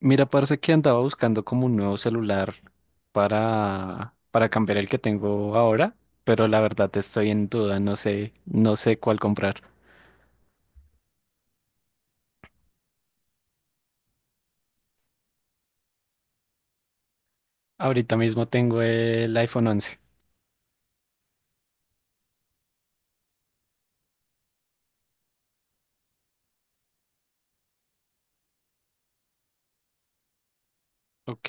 Mira, parece que andaba buscando como un nuevo celular para cambiar el que tengo ahora, pero la verdad estoy en duda, no sé, no sé cuál comprar. Ahorita mismo tengo el iPhone 11. Ok,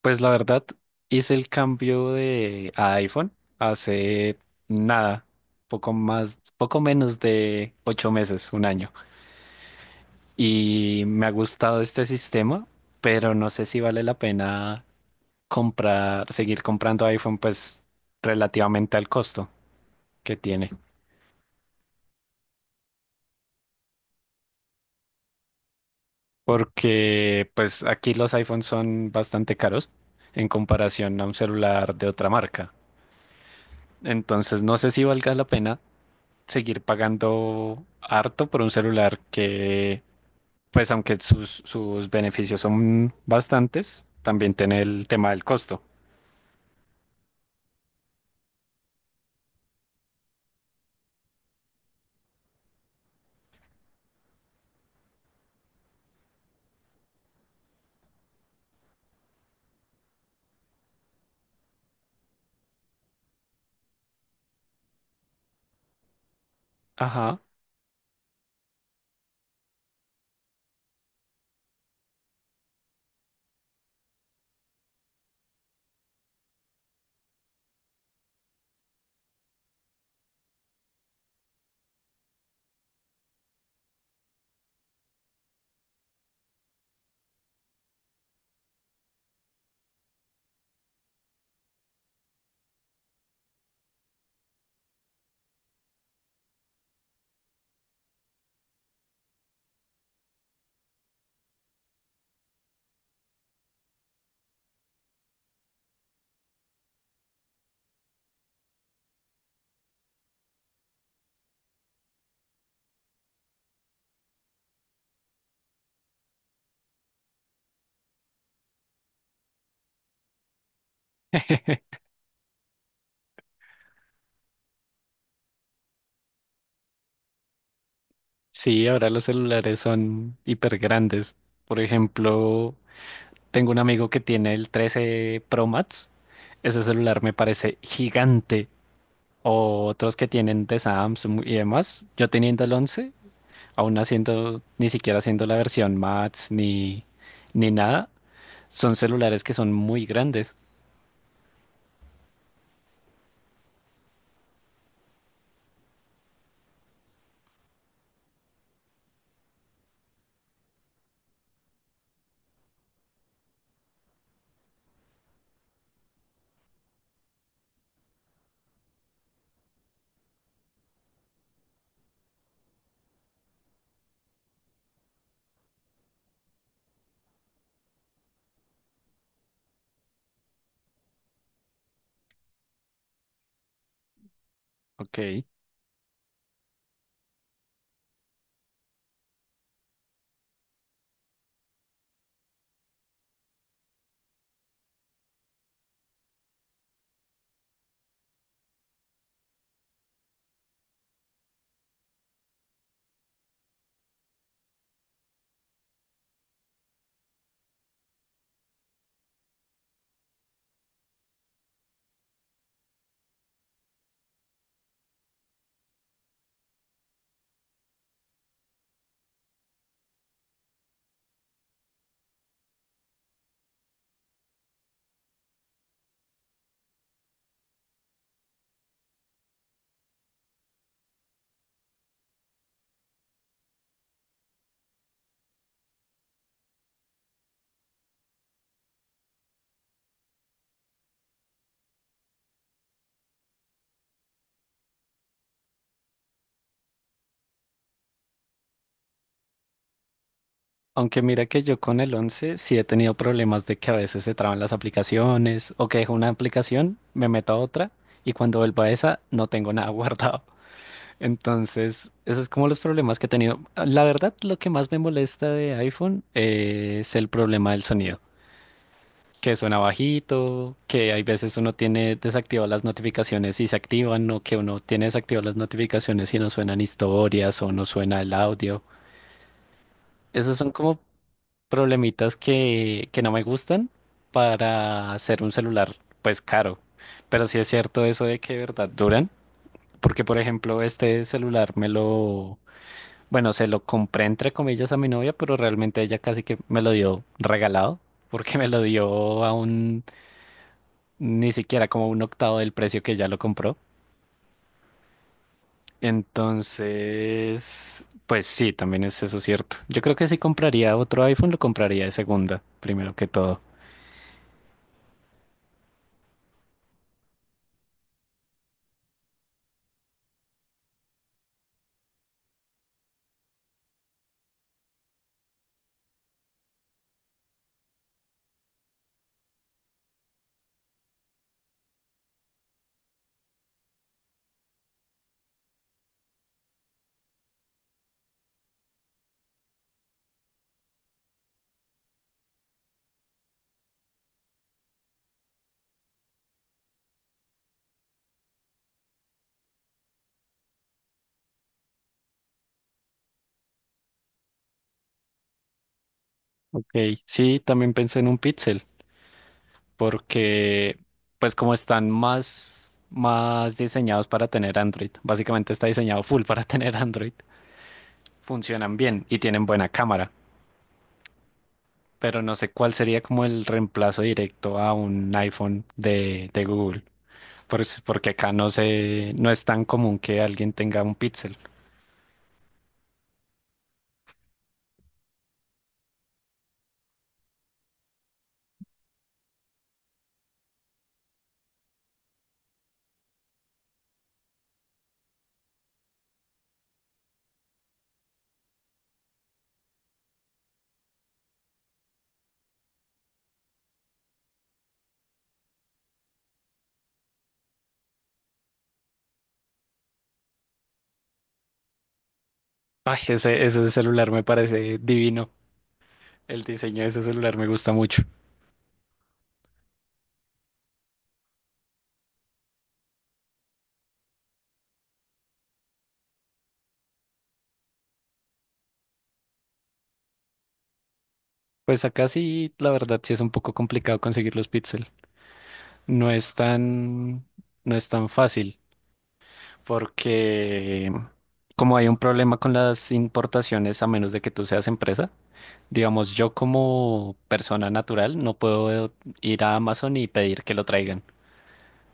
pues la verdad hice el cambio de a iPhone hace nada, poco más, poco menos de 8 meses, un año, y me ha gustado este sistema, pero no sé si vale la pena comprar, seguir comprando iPhone, pues relativamente al costo que tiene. Porque pues aquí los iPhones son bastante caros en comparación a un celular de otra marca. Entonces no sé si valga la pena seguir pagando harto por un celular que, pues aunque sus beneficios son bastantes, también tiene el tema del costo. Ajá. Sí, ahora los celulares son hiper grandes. Por ejemplo, tengo un amigo que tiene el 13 Pro Max. Ese celular me parece gigante. O otros que tienen de Samsung y demás. Yo teniendo el once, aún haciendo, ni siquiera haciendo la versión Max ni nada, son celulares que son muy grandes. Ok. Aunque mira que yo con el once sí he tenido problemas de que a veces se traban las aplicaciones o que dejo una aplicación, me meto a otra y cuando vuelvo a esa no tengo nada guardado. Entonces, esos es como los problemas que he tenido. La verdad, lo que más me molesta de iPhone es el problema del sonido, que suena bajito, que hay veces uno tiene desactivadas las notificaciones y se activan, o que uno tiene desactivadas las notificaciones y no suenan historias o no suena el audio. Esos son como problemitas que no me gustan para hacer un celular, pues caro. Pero sí es cierto eso de que de verdad duran, porque por ejemplo, este celular me lo Bueno, se lo compré entre comillas a mi novia, pero realmente ella casi que me lo dio regalado, porque me lo dio a un, ni siquiera como un octavo del precio que ya lo compró. Entonces, pues sí, también es eso cierto. Yo creo que si compraría otro iPhone, lo compraría de segunda, primero que todo. Ok, sí, también pensé en un Pixel, porque pues como están más diseñados para tener Android, básicamente está diseñado full para tener Android, funcionan bien y tienen buena cámara. Pero no sé cuál sería como el reemplazo directo a un iPhone de Google, porque acá no sé, no es tan común que alguien tenga un Pixel. Ay, ese celular me parece divino. El diseño de ese celular me gusta mucho. Pues acá sí, la verdad, sí es un poco complicado conseguir los Pixel. No es tan, no es tan fácil, porque como hay un problema con las importaciones, a menos de que tú seas empresa, digamos, yo como persona natural no puedo ir a Amazon y pedir que lo traigan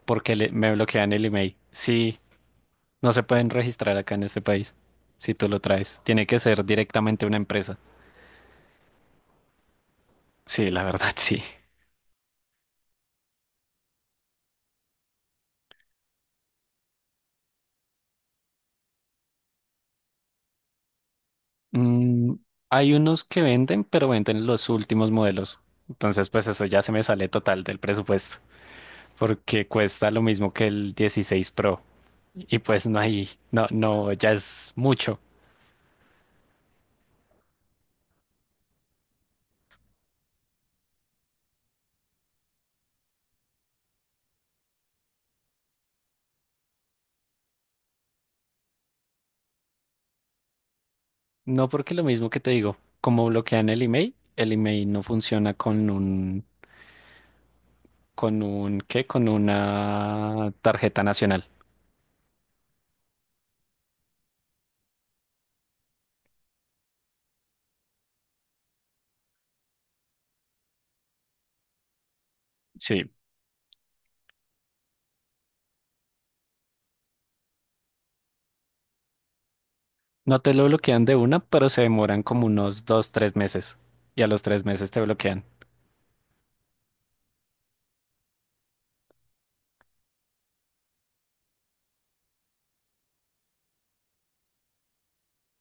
porque me bloquean el email. Sí, no se pueden registrar acá en este país si tú lo traes. Tiene que ser directamente una empresa. Sí, la verdad, sí. Mm, hay unos que venden, pero venden los últimos modelos. Entonces, pues eso ya se me sale total del presupuesto porque cuesta lo mismo que el 16 Pro y pues no hay, no, no, ya es mucho. No, porque lo mismo que te digo, como bloquean el email no funciona con un, ¿qué? Con una tarjeta nacional. Sí. No te lo bloquean de una, pero se demoran como unos 2, 3 meses. Y a los 3 meses te bloquean.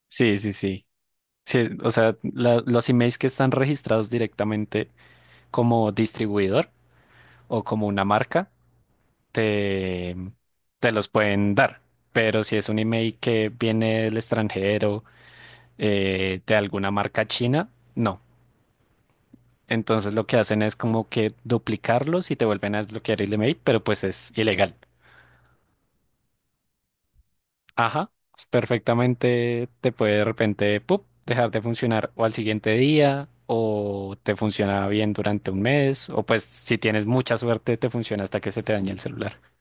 Sí, sí, sí. Sí, o sea, los emails que están registrados directamente como distribuidor o como una marca, te, te los pueden dar. Pero si es un email que viene del extranjero de alguna marca china, no. Entonces lo que hacen es como que duplicarlos y te vuelven a desbloquear el email, pero pues es ilegal. Ajá, perfectamente te puede de repente ¡pup! Dejar de funcionar o al siguiente día o te funciona bien durante un mes o pues si tienes mucha suerte te funciona hasta que se te dañe el celular.